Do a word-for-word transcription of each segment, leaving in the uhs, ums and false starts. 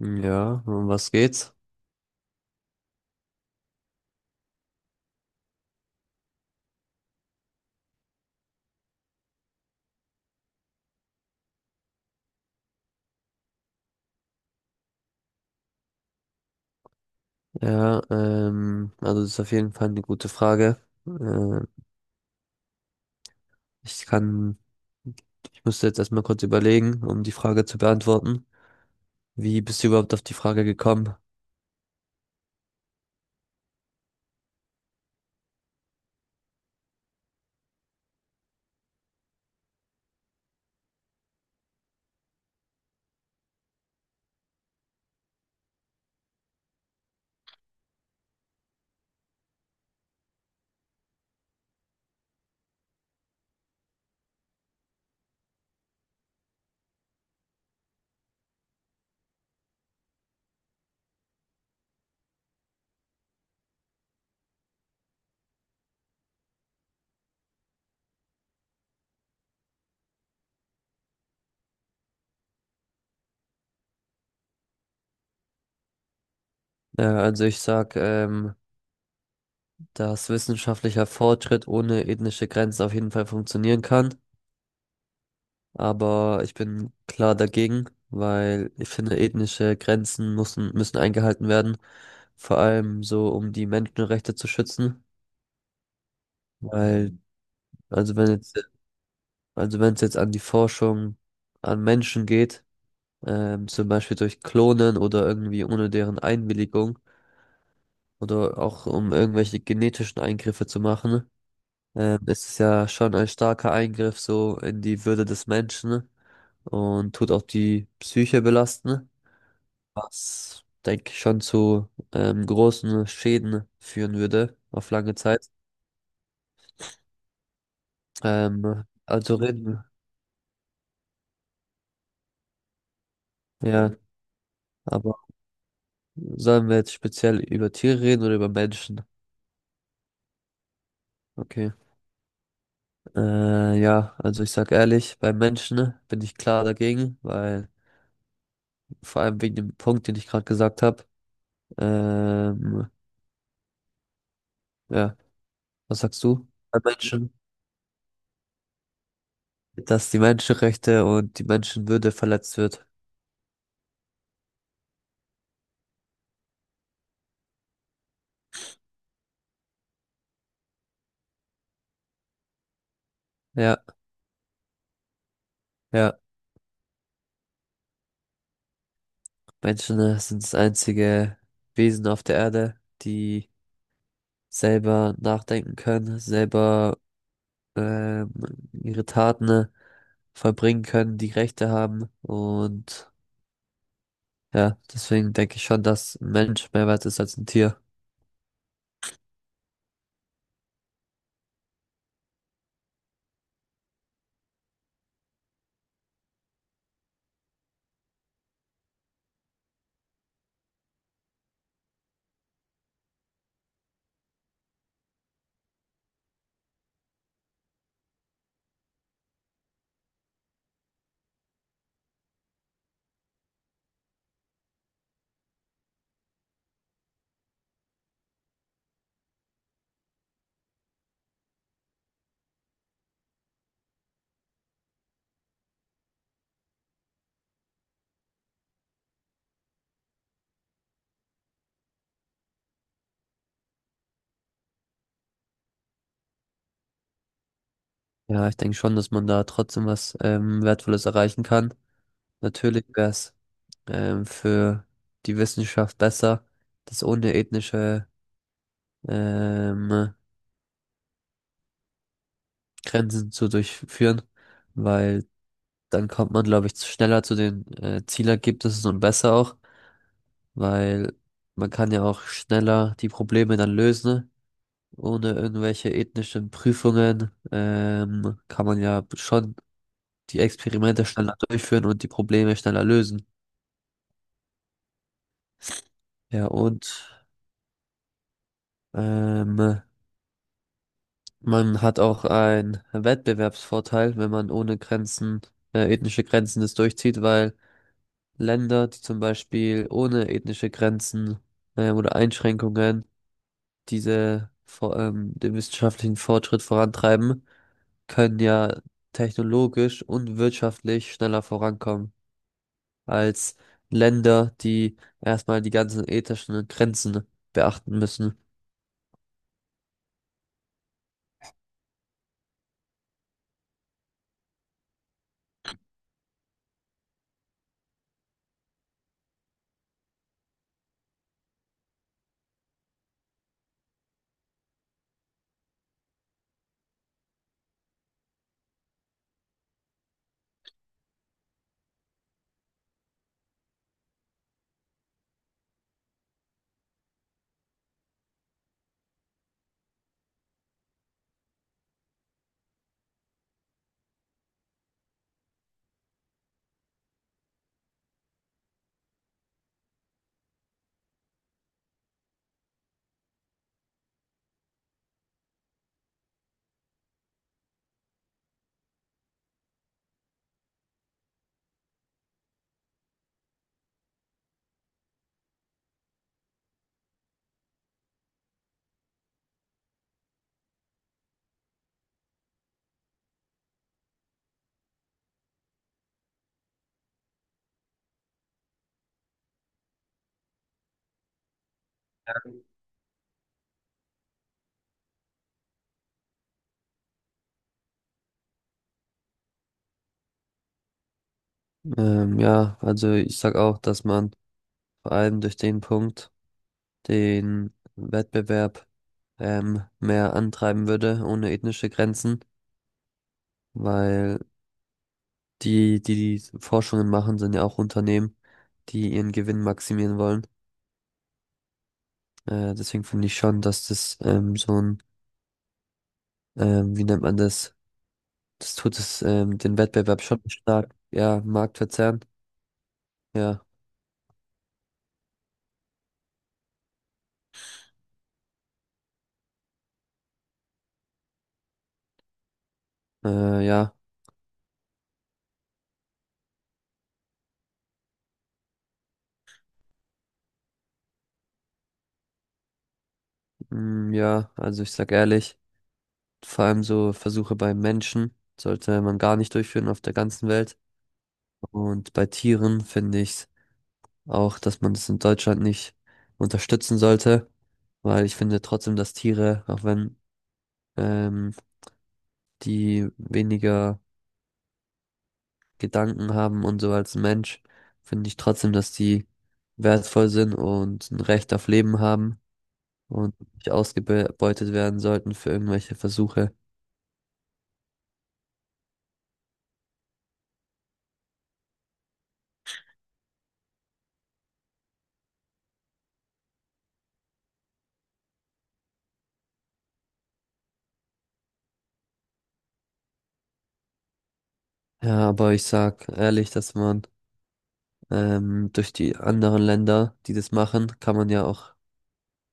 Ja, um was geht's? Ja, ähm, also das ist auf jeden Fall eine gute Frage. Äh, ich kann, ich musste jetzt erstmal kurz überlegen, um die Frage zu beantworten. Wie bist du überhaupt auf die Frage gekommen? Äh, also ich sag, ähm, dass wissenschaftlicher Fortschritt ohne ethnische Grenzen auf jeden Fall funktionieren kann, aber ich bin klar dagegen, weil ich finde, ethnische Grenzen müssen, müssen eingehalten werden, vor allem so, um die Menschenrechte zu schützen. Weil, Also wenn jetzt, also wenn es jetzt an die Forschung an Menschen geht, ähm, zum Beispiel durch Klonen oder irgendwie ohne deren Einwilligung oder auch um irgendwelche genetischen Eingriffe zu machen, ähm, ist es ja schon ein starker Eingriff so in die Würde des Menschen und tut auch die Psyche belasten, was, denke ich, schon zu ähm, großen Schäden führen würde auf lange Zeit. Ähm, also reden, ja, aber sollen wir jetzt speziell über Tiere reden oder über Menschen? Okay. Äh, ja, also ich sag ehrlich, bei Menschen bin ich klar dagegen, weil vor allem wegen dem Punkt, den ich gerade gesagt habe. Ähm, ja, was sagst du? Bei Menschen, dass die Menschenrechte und die Menschenwürde verletzt wird. Ja, ja. Menschen äh, sind das einzige Wesen auf der Erde, die selber nachdenken können, selber ähm, ihre Taten verbringen können, die Rechte haben. Und ja, deswegen denke ich schon, dass ein Mensch mehr wert ist als ein Tier. Ja, ich denke schon, dass man da trotzdem was ähm, Wertvolles erreichen kann. Natürlich wäre es ähm, für die Wissenschaft besser, das ohne ethnische ähm, Grenzen zu durchführen, weil dann kommt man, glaube ich, schneller zu den äh, Zielergebnissen und besser auch. Weil man kann ja auch schneller die Probleme dann lösen, ne? Ohne irgendwelche ethnischen Prüfungen ähm, kann man ja schon die Experimente schneller durchführen und die Probleme schneller lösen. Ja, und ähm, man hat auch einen Wettbewerbsvorteil, wenn man ohne Grenzen, äh, ethnische Grenzen das durchzieht, weil Länder, die zum Beispiel ohne ethnische Grenzen ähm, oder Einschränkungen diese vor, ähm, den wissenschaftlichen Fortschritt vorantreiben, können ja technologisch und wirtschaftlich schneller vorankommen als Länder, die erstmal die ganzen ethischen Grenzen beachten müssen. Ähm, ja, also ich sag auch, dass man vor allem durch den Punkt den Wettbewerb ähm, mehr antreiben würde, ohne ethnische Grenzen, weil die, die, die Forschungen machen, sind ja auch Unternehmen, die ihren Gewinn maximieren wollen. Äh, deswegen finde ich schon, dass das ähm, so ein, ähm, wie nennt man das? Das tut es, ähm, den Wettbewerb schon stark, ja, Marktverzerren, ja, äh, ja, mm, ja, also ich sag ehrlich, vor allem so Versuche bei Menschen sollte man gar nicht durchführen auf der ganzen Welt. Und bei Tieren finde ich auch, dass man das in Deutschland nicht unterstützen sollte, weil ich finde trotzdem, dass Tiere, auch wenn ähm, die weniger Gedanken haben und so als Mensch, finde ich trotzdem, dass die wertvoll sind und ein Recht auf Leben haben und nicht ausgebeutet werden sollten für irgendwelche Versuche. Ja, aber ich sag ehrlich, dass man ähm, durch die anderen Länder, die das machen, kann man ja auch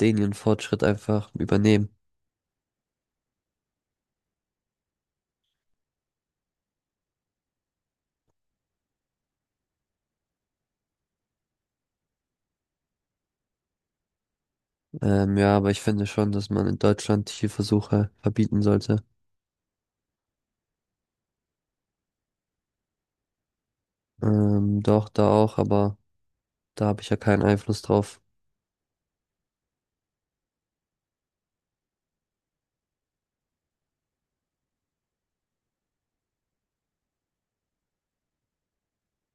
den ihren Fortschritt einfach übernehmen. Ähm, ja, aber ich finde schon, dass man in Deutschland Tierversuche verbieten sollte. Ähm, doch, da auch, aber da habe ich ja keinen Einfluss drauf.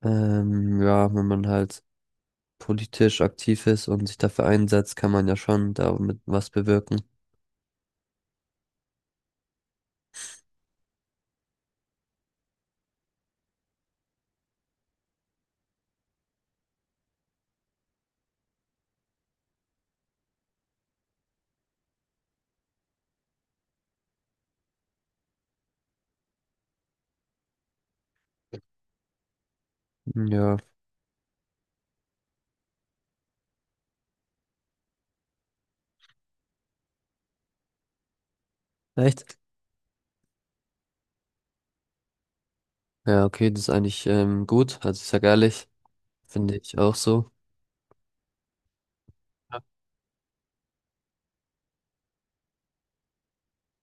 Ähm, ja, wenn man halt politisch aktiv ist und sich dafür einsetzt, kann man ja schon damit was bewirken. Hm. Ja. Echt? Ja, okay, das ist eigentlich ähm, gut. Also ich sag ehrlich, finde ich auch so.